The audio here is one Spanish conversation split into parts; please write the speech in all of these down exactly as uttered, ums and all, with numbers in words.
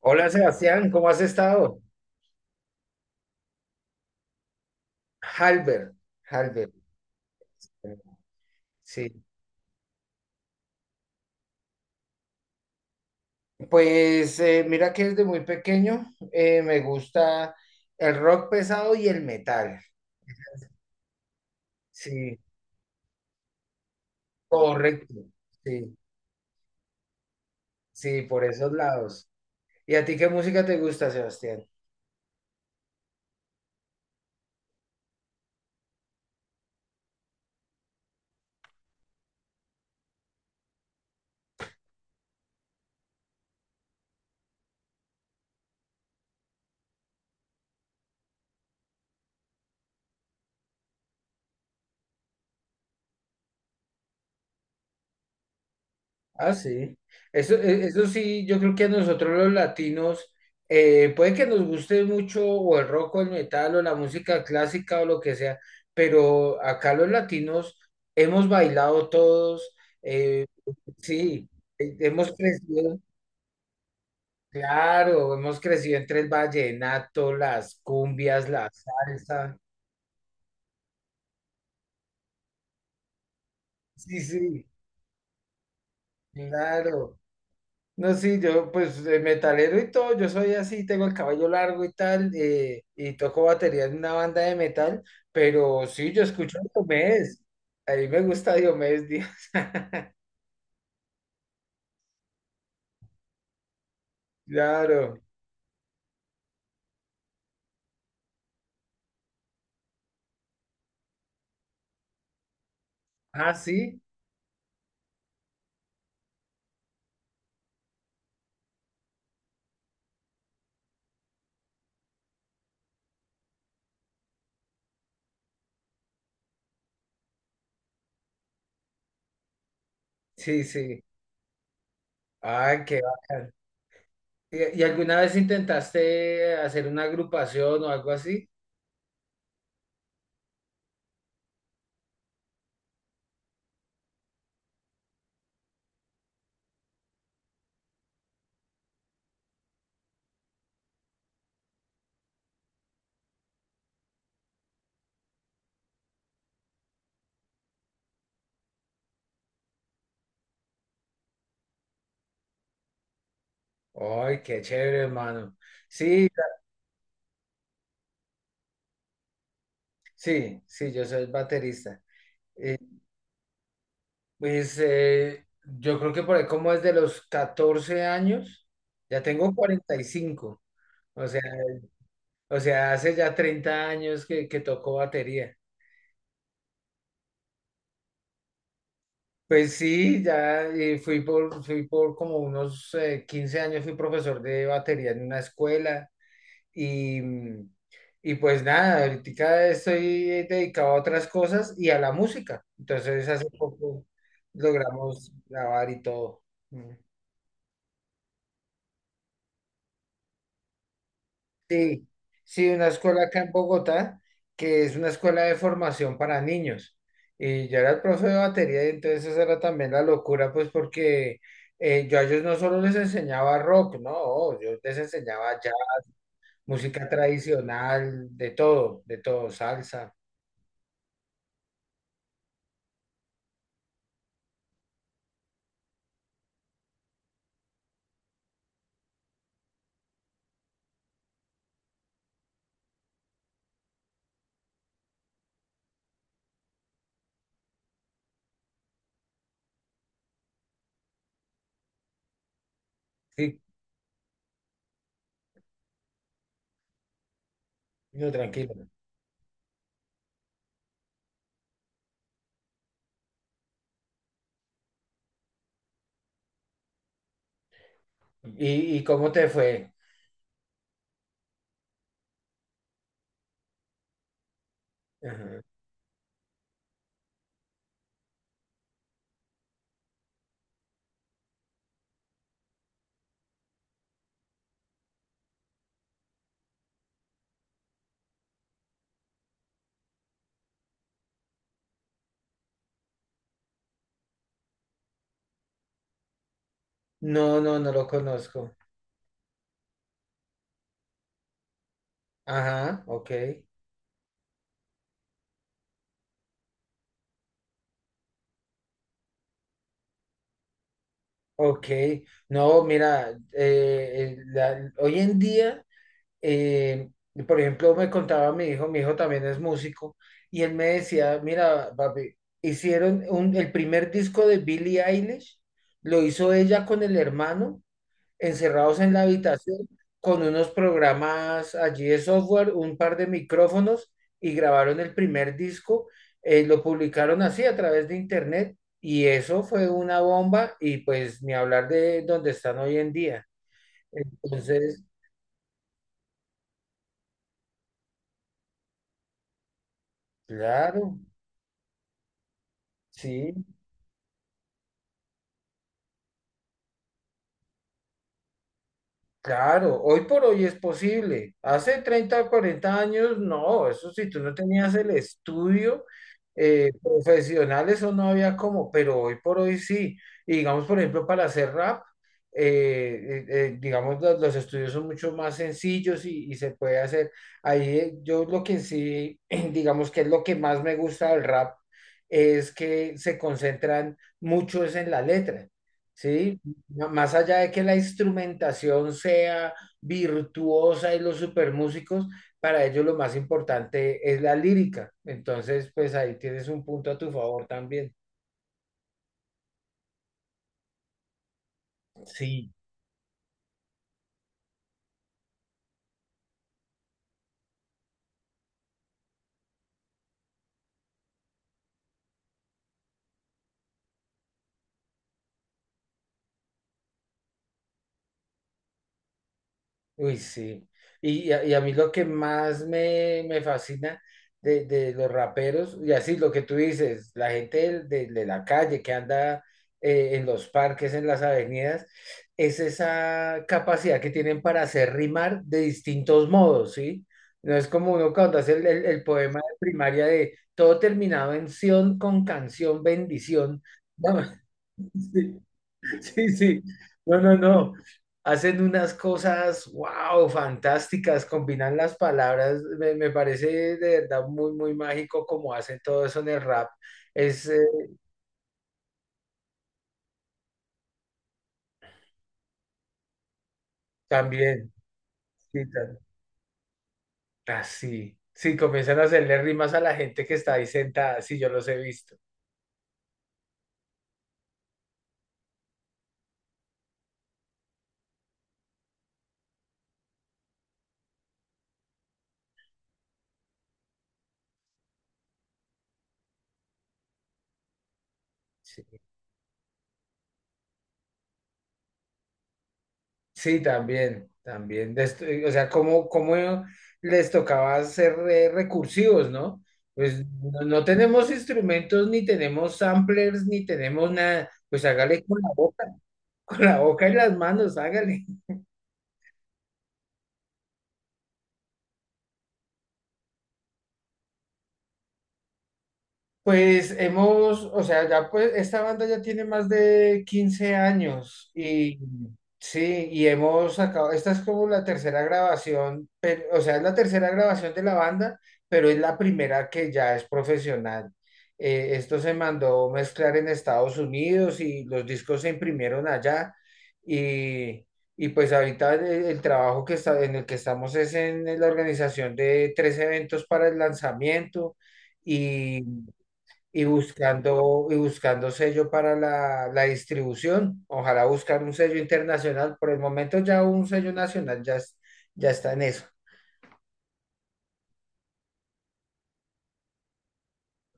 Hola Sebastián, ¿cómo has estado? Halber, Halber. Sí, pues eh, mira que desde muy pequeño eh, me gusta el rock pesado y el metal. Sí, correcto. Sí, sí, por esos lados. ¿Y a ti qué música te gusta, Sebastián? Ah, sí. Eso, e- eso sí, yo creo que a nosotros los latinos, eh, puede que nos guste mucho o el rock o el metal o la música clásica o lo que sea, pero acá los latinos hemos bailado todos, eh, sí, eh, hemos crecido, claro, hemos crecido entre el vallenato, las cumbias, la salsa. Sí, sí, claro. No, sí, yo pues de metalero y todo, yo soy así, tengo el cabello largo y tal, eh, y toco batería en una banda de metal, pero sí, yo escucho a Diomedes, a mí me gusta Diomedes Díaz. Claro, ah, sí, sí, sí, ah, qué bacán. ¿Y, y alguna vez intentaste hacer una agrupación o algo así? Ay, qué chévere, hermano, sí, sí, sí, yo soy baterista. Eh, Pues eh, yo creo que por ahí como desde los catorce años, ya tengo cuarenta y cinco, o sea, o sea, hace ya treinta años que, que toco batería. Pues sí, ya eh, fui por, fui por como unos eh, quince años, fui profesor de batería en una escuela y, mm, y pues nada, ahorita estoy eh, dedicado a otras cosas y a la música. Entonces hace poco logramos grabar y todo. Sí, sí, una escuela acá en Bogotá, que es una escuela de formación para niños. Y yo era el profe de batería y entonces esa era también la locura, pues porque eh, yo a ellos no solo les enseñaba rock, no, oh, yo les enseñaba ya música tradicional, de todo, de todo, salsa. Sí, no, tranquilo. ¿Y, y cómo te fue? Ajá. No, no, no lo conozco. Ajá, ok. Ok, no, mira, eh, eh, la- hoy en día Eh, y por ejemplo, me contaba mi hijo, mi hijo también es músico, y él me decía, mira, papi, hicieron un- el primer disco de Billie Eilish, lo hizo ella con el hermano, encerrados en la habitación, con unos programas allí de software, un par de micrófonos, y grabaron el primer disco, eh, lo publicaron así a través de internet, y eso fue una bomba, y pues ni hablar de donde están hoy en día. Entonces, claro, sí. Claro, hoy por hoy es posible. Hace treinta o cuarenta años, no, eso si tú no tenías el estudio eh, profesional, eso no había como, pero hoy por hoy sí. Y digamos, por ejemplo, para hacer rap, eh, eh, eh, digamos, los, los estudios son mucho más sencillos y, y se puede hacer. Ahí eh, yo lo que sí, digamos que es lo que más me gusta del rap, es que se concentran mucho es en la letra. Sí, no, más allá de que la instrumentación sea virtuosa y los supermúsicos, para ellos lo más importante es la lírica. Entonces, pues ahí tienes un punto a tu favor también. Sí. Uy, sí. Y, a y a mí lo que más me, me fascina de, de los raperos, y así lo que tú dices, la gente del- de, de la calle que anda eh, en los parques, en las avenidas, es esa capacidad que tienen para hacer rimar de distintos modos, ¿sí? No es como uno cuando hace el, el- el poema de primaria de todo terminado en sion con canción, bendición. No, sí, sí. No, no, no. Hacen unas cosas, wow, fantásticas. Combinan las palabras. Me, me parece de verdad muy, muy mágico como hacen todo eso en el rap. Es eh, también, sí, tan- así. Sí, comienzan a hacerle rimas a la gente que está ahí sentada. Sí, yo los he visto. Sí. Sí, también, también. de esto- eh, O sea, ¿cómo, cómo les tocaba ser eh, recursivos, ¿no? Pues no, no tenemos instrumentos, ni tenemos samplers, ni tenemos nada. Pues hágale con la boca, con la boca y las manos, hágale. Pues hemos, o sea, ya pues esta banda ya tiene más de quince años y sí, y hemos sacado, esta es como la tercera grabación, pero, o sea, es la tercera grabación de la banda, pero es la primera que ya es profesional. Eh, esto se mandó mezclar en Estados Unidos y los discos se imprimieron allá y, y pues ahorita el, el trabajo que está, en el que estamos es en la organización de tres eventos para el lanzamiento. Y y buscando, y buscando sello para la, la distribución. Ojalá buscar un sello internacional. Por el momento ya un sello nacional ya, es- ya está en eso.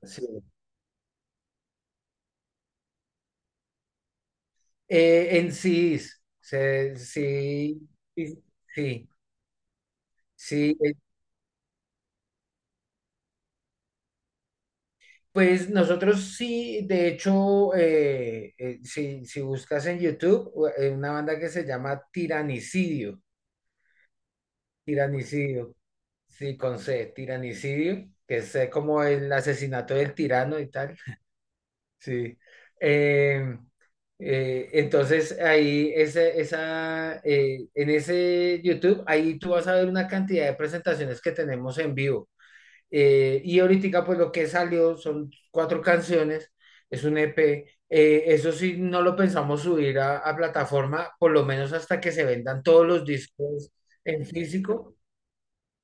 Sí. Eh, en C Ds, se- sí, sí, sí, sí, eh, pues nosotros sí, de hecho, eh, eh, si, si buscas en YouTube, u- eh, una banda que se llama Tiranicidio, Tiranicidio, sí, con C, Tiranicidio, que es eh, como el asesinato del tirano y tal. Sí. Eh, eh, entonces ahí esa, esa, eh, en ese YouTube, ahí tú vas a ver una cantidad de presentaciones que tenemos en vivo. Eh, y ahorita pues lo que salió son cuatro canciones, es un E P. Eh, eso sí, no lo pensamos subir a, a plataforma, por lo menos hasta que se vendan todos los discos en físico.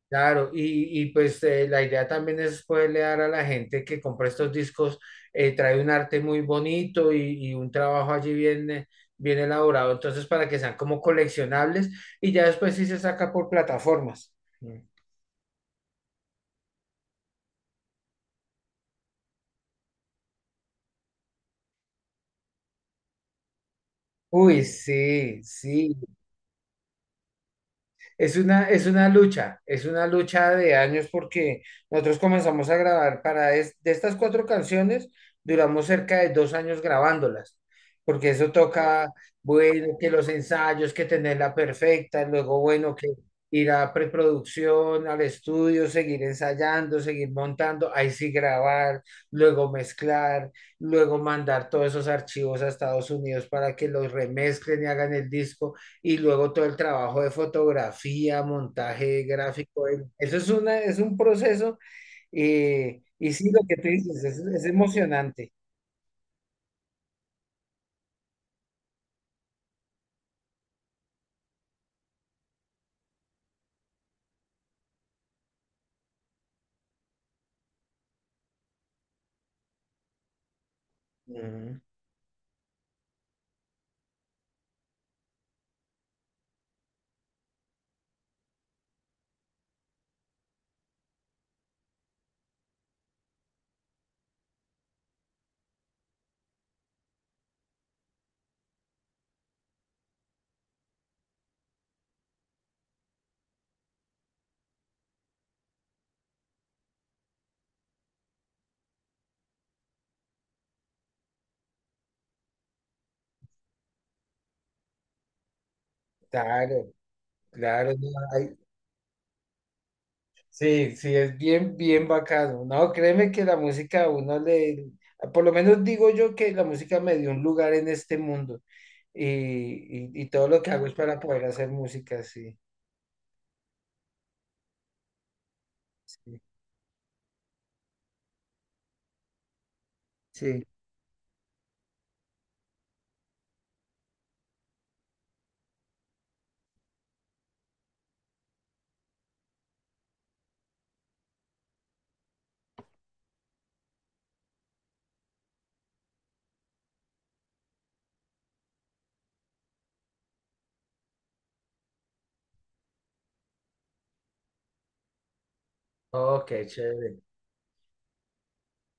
Claro, y, y pues eh, la idea también es poderle dar a la gente que compra estos discos, eh, trae un arte muy bonito y, y un trabajo allí bien, eh, bien elaborado, entonces para que sean como coleccionables y ya después sí se saca por plataformas. Mm. Uy, sí, sí, es una, es una lucha, es una lucha de años porque nosotros comenzamos a grabar para es- de estas cuatro canciones, duramos cerca de dos años grabándolas, porque eso toca, bueno, que los ensayos, que tenerla perfecta, luego, bueno, que ir a preproducción, al estudio, seguir ensayando, seguir montando, ahí sí grabar, luego mezclar, luego mandar todos esos archivos a Estados Unidos para que los remezclen y hagan el disco y luego todo el trabajo de fotografía, montaje gráfico. eh, Eso es una, es un proceso eh, y sí, lo que tú dices es, es emocionante. Ujú, claro, claro. No, ay, sí, sí, es bien, bien bacano. No, créeme que la música a uno le, por lo menos digo yo que la música me dio un lugar en este mundo y, y, y todo lo que hago es para poder hacer música, sí. Sí. Sí. Oh, qué chévere.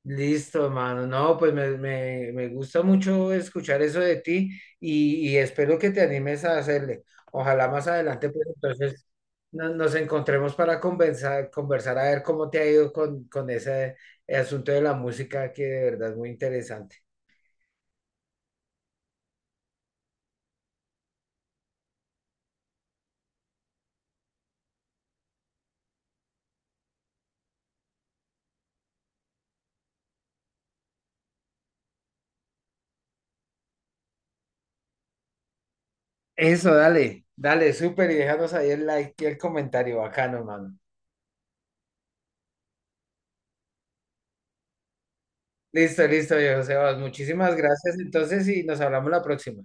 Listo, hermano. No, pues me, me- me gusta mucho escuchar eso de ti y, y espero que te animes a hacerle. Ojalá más adelante, pues entonces no- nos encontremos para conversar, conversar a ver cómo te ha ido con, con ese asunto de la música que de verdad es muy interesante. Eso, dale, dale, súper y déjanos ahí el like y el comentario bacano, hermano. Listo, listo, viejo Sebas. Muchísimas gracias entonces y nos hablamos la próxima.